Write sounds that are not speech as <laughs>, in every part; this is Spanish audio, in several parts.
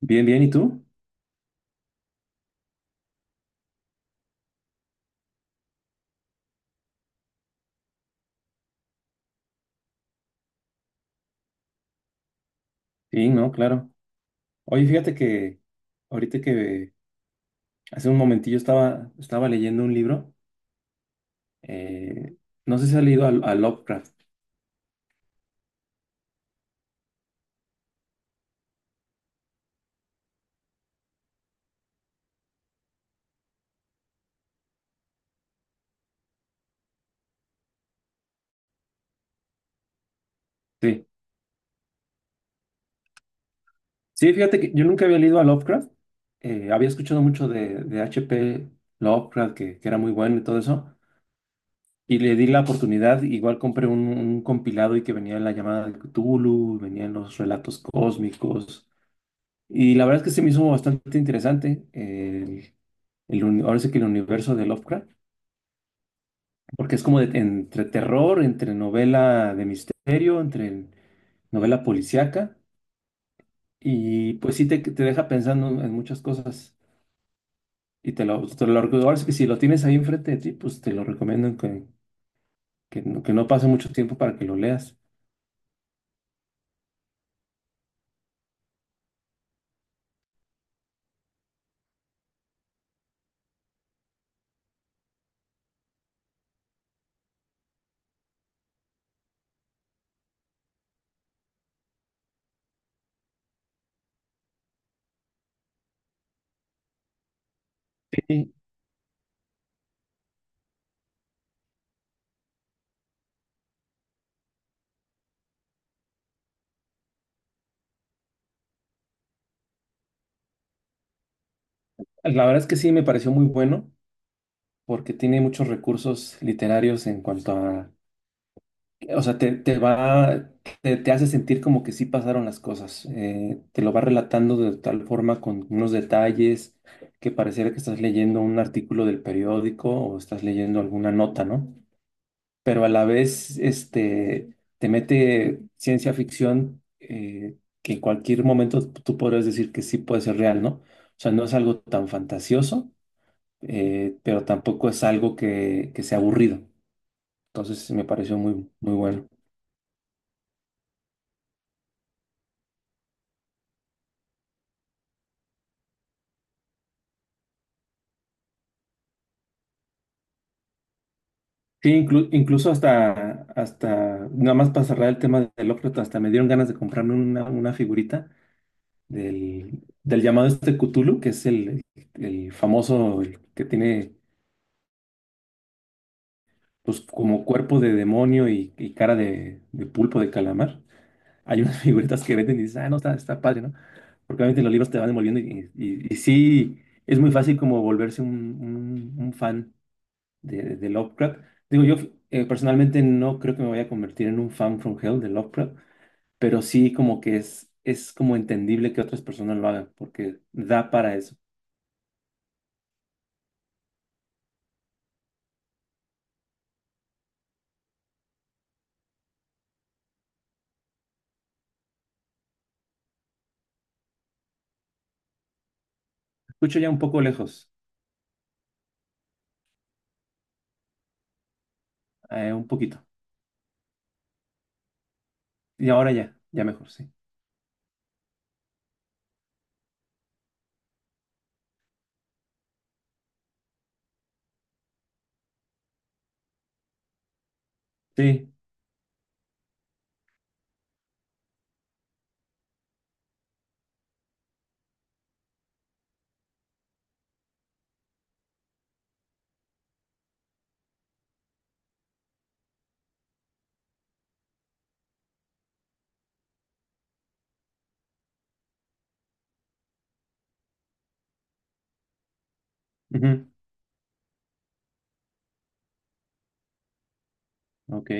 Bien, bien, ¿y tú? Sí, no, claro. Oye, fíjate que ahorita que hace un momentillo estaba leyendo un libro, eh, no sé si has leído a Lovecraft. Sí, sí, fíjate que yo nunca había leído a Lovecraft, había escuchado mucho de HP Lovecraft, que era muy bueno y todo eso, y le di la oportunidad, igual compré un compilado y que venía en la llamada de Cthulhu, venían los relatos cósmicos, y la verdad es que se me hizo bastante interesante. Ahora sí que el universo de Lovecraft. Porque es como entre terror, entre novela de misterio, entre novela policíaca. Y pues sí te deja pensando en muchas cosas. Y te lo recuerdo. Ahora sí que si lo tienes ahí enfrente de ti, pues te lo recomiendo que, que no pase mucho tiempo para que lo leas. Sí, la verdad es que sí me pareció muy bueno porque tiene muchos recursos literarios en cuanto a, o sea, te va, te hace sentir como que sí pasaron las cosas. Te lo va relatando de tal forma con unos detalles que pareciera que estás leyendo un artículo del periódico o estás leyendo alguna nota, ¿no? Pero a la vez, este, te mete ciencia ficción, que en cualquier momento tú podrías decir que sí puede ser real, ¿no? O sea, no es algo tan fantasioso, pero tampoco es algo que sea aburrido. Entonces, me pareció muy, muy bueno. Sí, incluso hasta, hasta, nada más para cerrar el tema del Lovecraft, hasta me dieron ganas de comprarme una figurita del, del llamado este Cthulhu, que es el famoso, el que tiene pues como cuerpo de demonio y cara de pulpo de calamar. Hay unas <laughs> figuritas que venden y dices, ah, no, está, está padre, ¿no? Porque obviamente los libros te van envolviendo y, y sí, es muy fácil como volverse un, un fan de Lovecraft. Digo, yo, personalmente no creo que me vaya a convertir en un fan from hell de Lovecraft, pero sí como que es como entendible que otras personas lo hagan, porque da para eso. Escucho ya un poco lejos, un poquito. Y ahora ya mejor, sí. Sí, ujú, ok.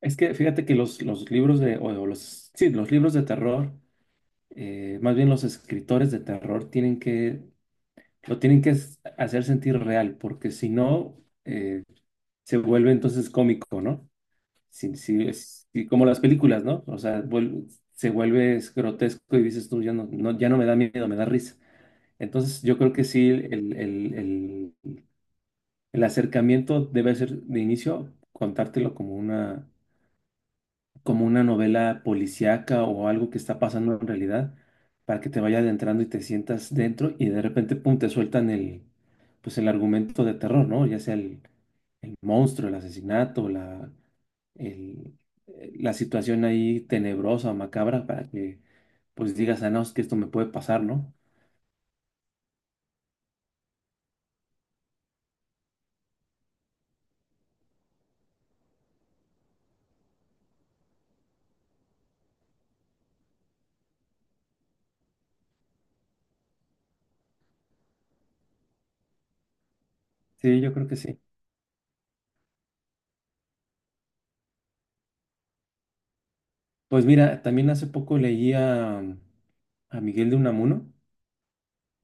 Es que fíjate que los libros de, o los, sí, los libros de terror, más bien los escritores de terror tienen que, lo tienen que hacer sentir real, porque si no, eh, se vuelve entonces cómico, ¿no? Sí, sí, es y como las películas, ¿no? O sea, se vuelve es grotesco y dices tú, ya no, no, ya no me da miedo, me da risa. Entonces, yo creo que sí, el, el acercamiento debe ser de inicio contártelo como una novela policíaca o algo que está pasando en realidad para que te vaya adentrando y te sientas dentro y de repente, pum, te sueltan el, pues el argumento de terror, ¿no? Ya sea el monstruo, el asesinato, el- la situación ahí tenebrosa, macabra, para que pues digas, ah, no, es que esto me puede pasar, ¿no? Sí, yo creo que sí. Pues mira, también hace poco leí a Miguel de Unamuno,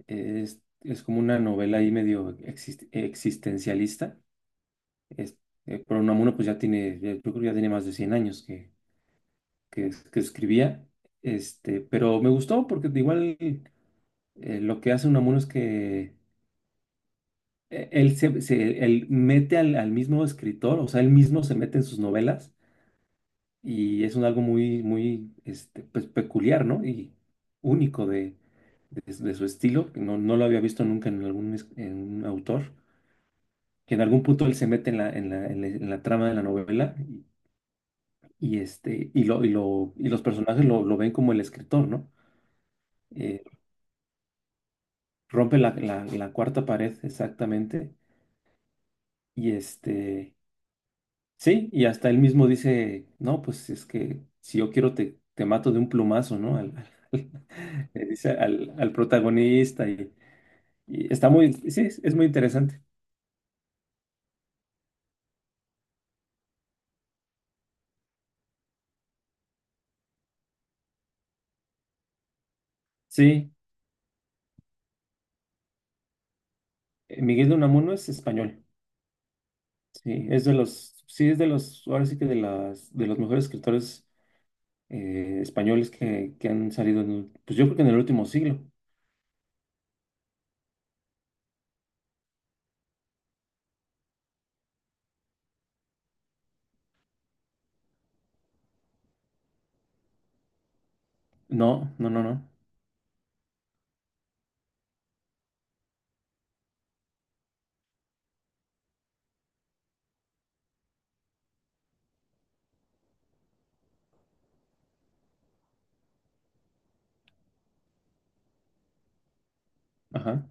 es como una novela ahí medio existencialista, es, pero Unamuno pues ya tiene, yo creo que ya tiene más de 100 años que, que escribía, este, pero me gustó porque igual, lo que hace Unamuno es que, él se, él mete al, al mismo escritor, o sea, él mismo se mete en sus novelas y es un algo muy, muy, este, pues, peculiar, ¿no? Y único de, de su estilo, que no, no lo había visto nunca en en un autor, que en algún punto él se mete en la, en la trama de la novela y, y los personajes lo ven como el escritor, ¿no? Eh, rompe la, la cuarta pared exactamente y este... Sí, y hasta él mismo dice, no, pues es que si yo quiero te, te mato de un plumazo, ¿no? Al- <laughs> le dice al, al protagonista y está muy, sí, es muy interesante. Sí, Miguel de Unamuno es español, sí, ahora sí que de las, de los mejores escritores españoles que han salido, pues yo creo que en el último siglo. No, no, no, no, ajá,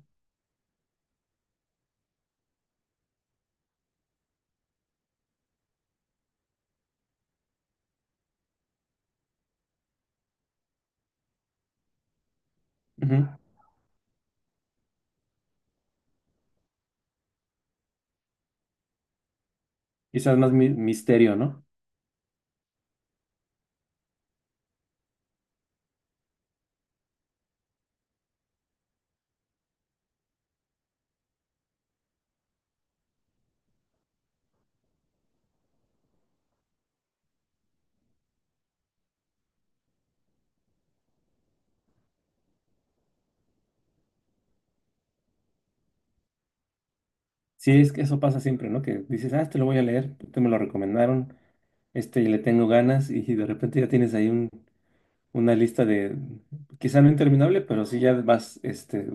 ujú. Quizás más misterio, ¿no? Sí, es que eso pasa siempre, ¿no? Que dices, ah, este lo voy a leer, te me lo recomendaron, este le tengo ganas y de repente ya tienes ahí un, una lista de, quizá no interminable, pero sí ya vas, este,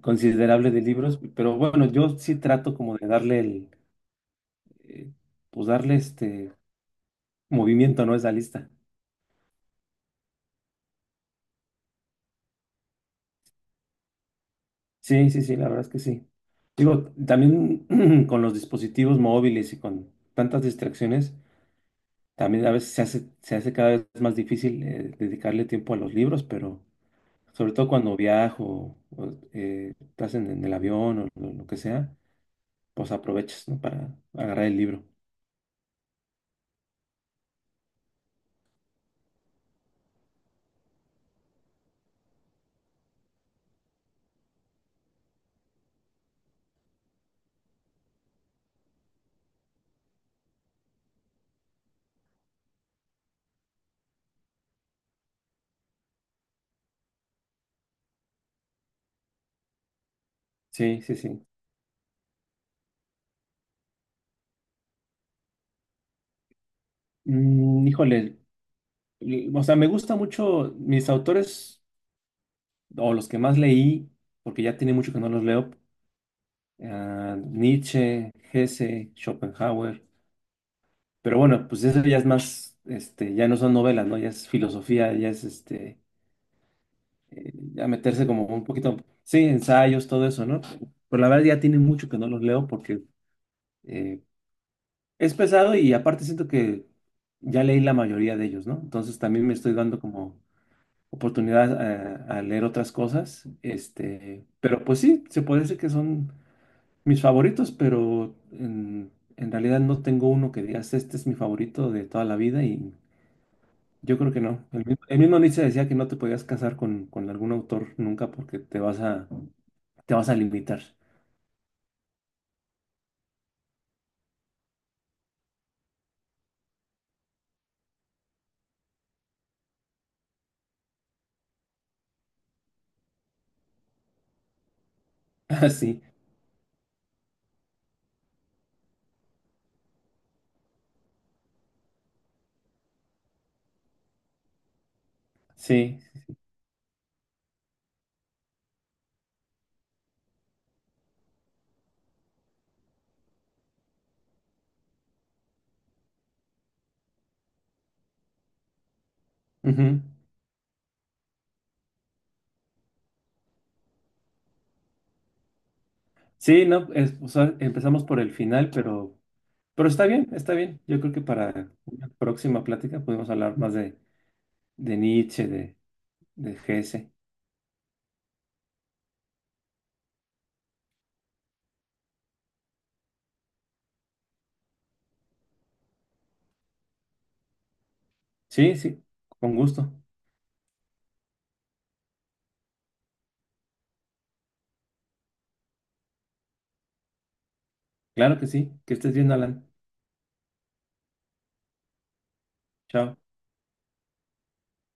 considerable de libros. Pero bueno, yo sí trato como de eh, pues darle este movimiento, ¿no? A esa lista. Sí, sí, sí, la verdad es que sí. Digo, también <clears throat> con los dispositivos móviles y con tantas distracciones, también a veces se hace cada vez más difícil, dedicarle tiempo a los libros, pero... sobre todo cuando viajo, estás en el avión o lo que sea, pues aprovechas, ¿no? Para agarrar el libro. Sí, sí, sí. Mm, híjole, o sea, me gusta mucho mis autores, o los que más leí, porque ya tiene mucho que no los leo, ah, Nietzsche, Hesse, Schopenhauer, pero bueno, pues eso ya es más, este, ya no son novelas, ¿no? Ya es filosofía, ya es este, ya meterse como un poquito, sí, ensayos, todo eso, ¿no? Pero la verdad ya tiene mucho que no los leo porque, eh, es pesado y aparte siento que ya leí la mayoría de ellos, ¿no? Entonces también me estoy dando como oportunidad a leer otras cosas, este, pero pues sí, se puede decir que son mis favoritos, pero en realidad no tengo uno que digas, este es mi favorito de toda la vida y... Yo creo que no. El mismo Nietzsche decía que no te podías casar con algún autor nunca porque te vas a limitar. <laughs> Sí, sí. Ujú. Sí, no, o sea, empezamos por el final, pero está bien, está bien. Yo creo que para una próxima plática podemos hablar más de Nietzsche, de Hesse. Sí, sí, con gusto. Claro que sí. Que estés bien, Alan. Chao.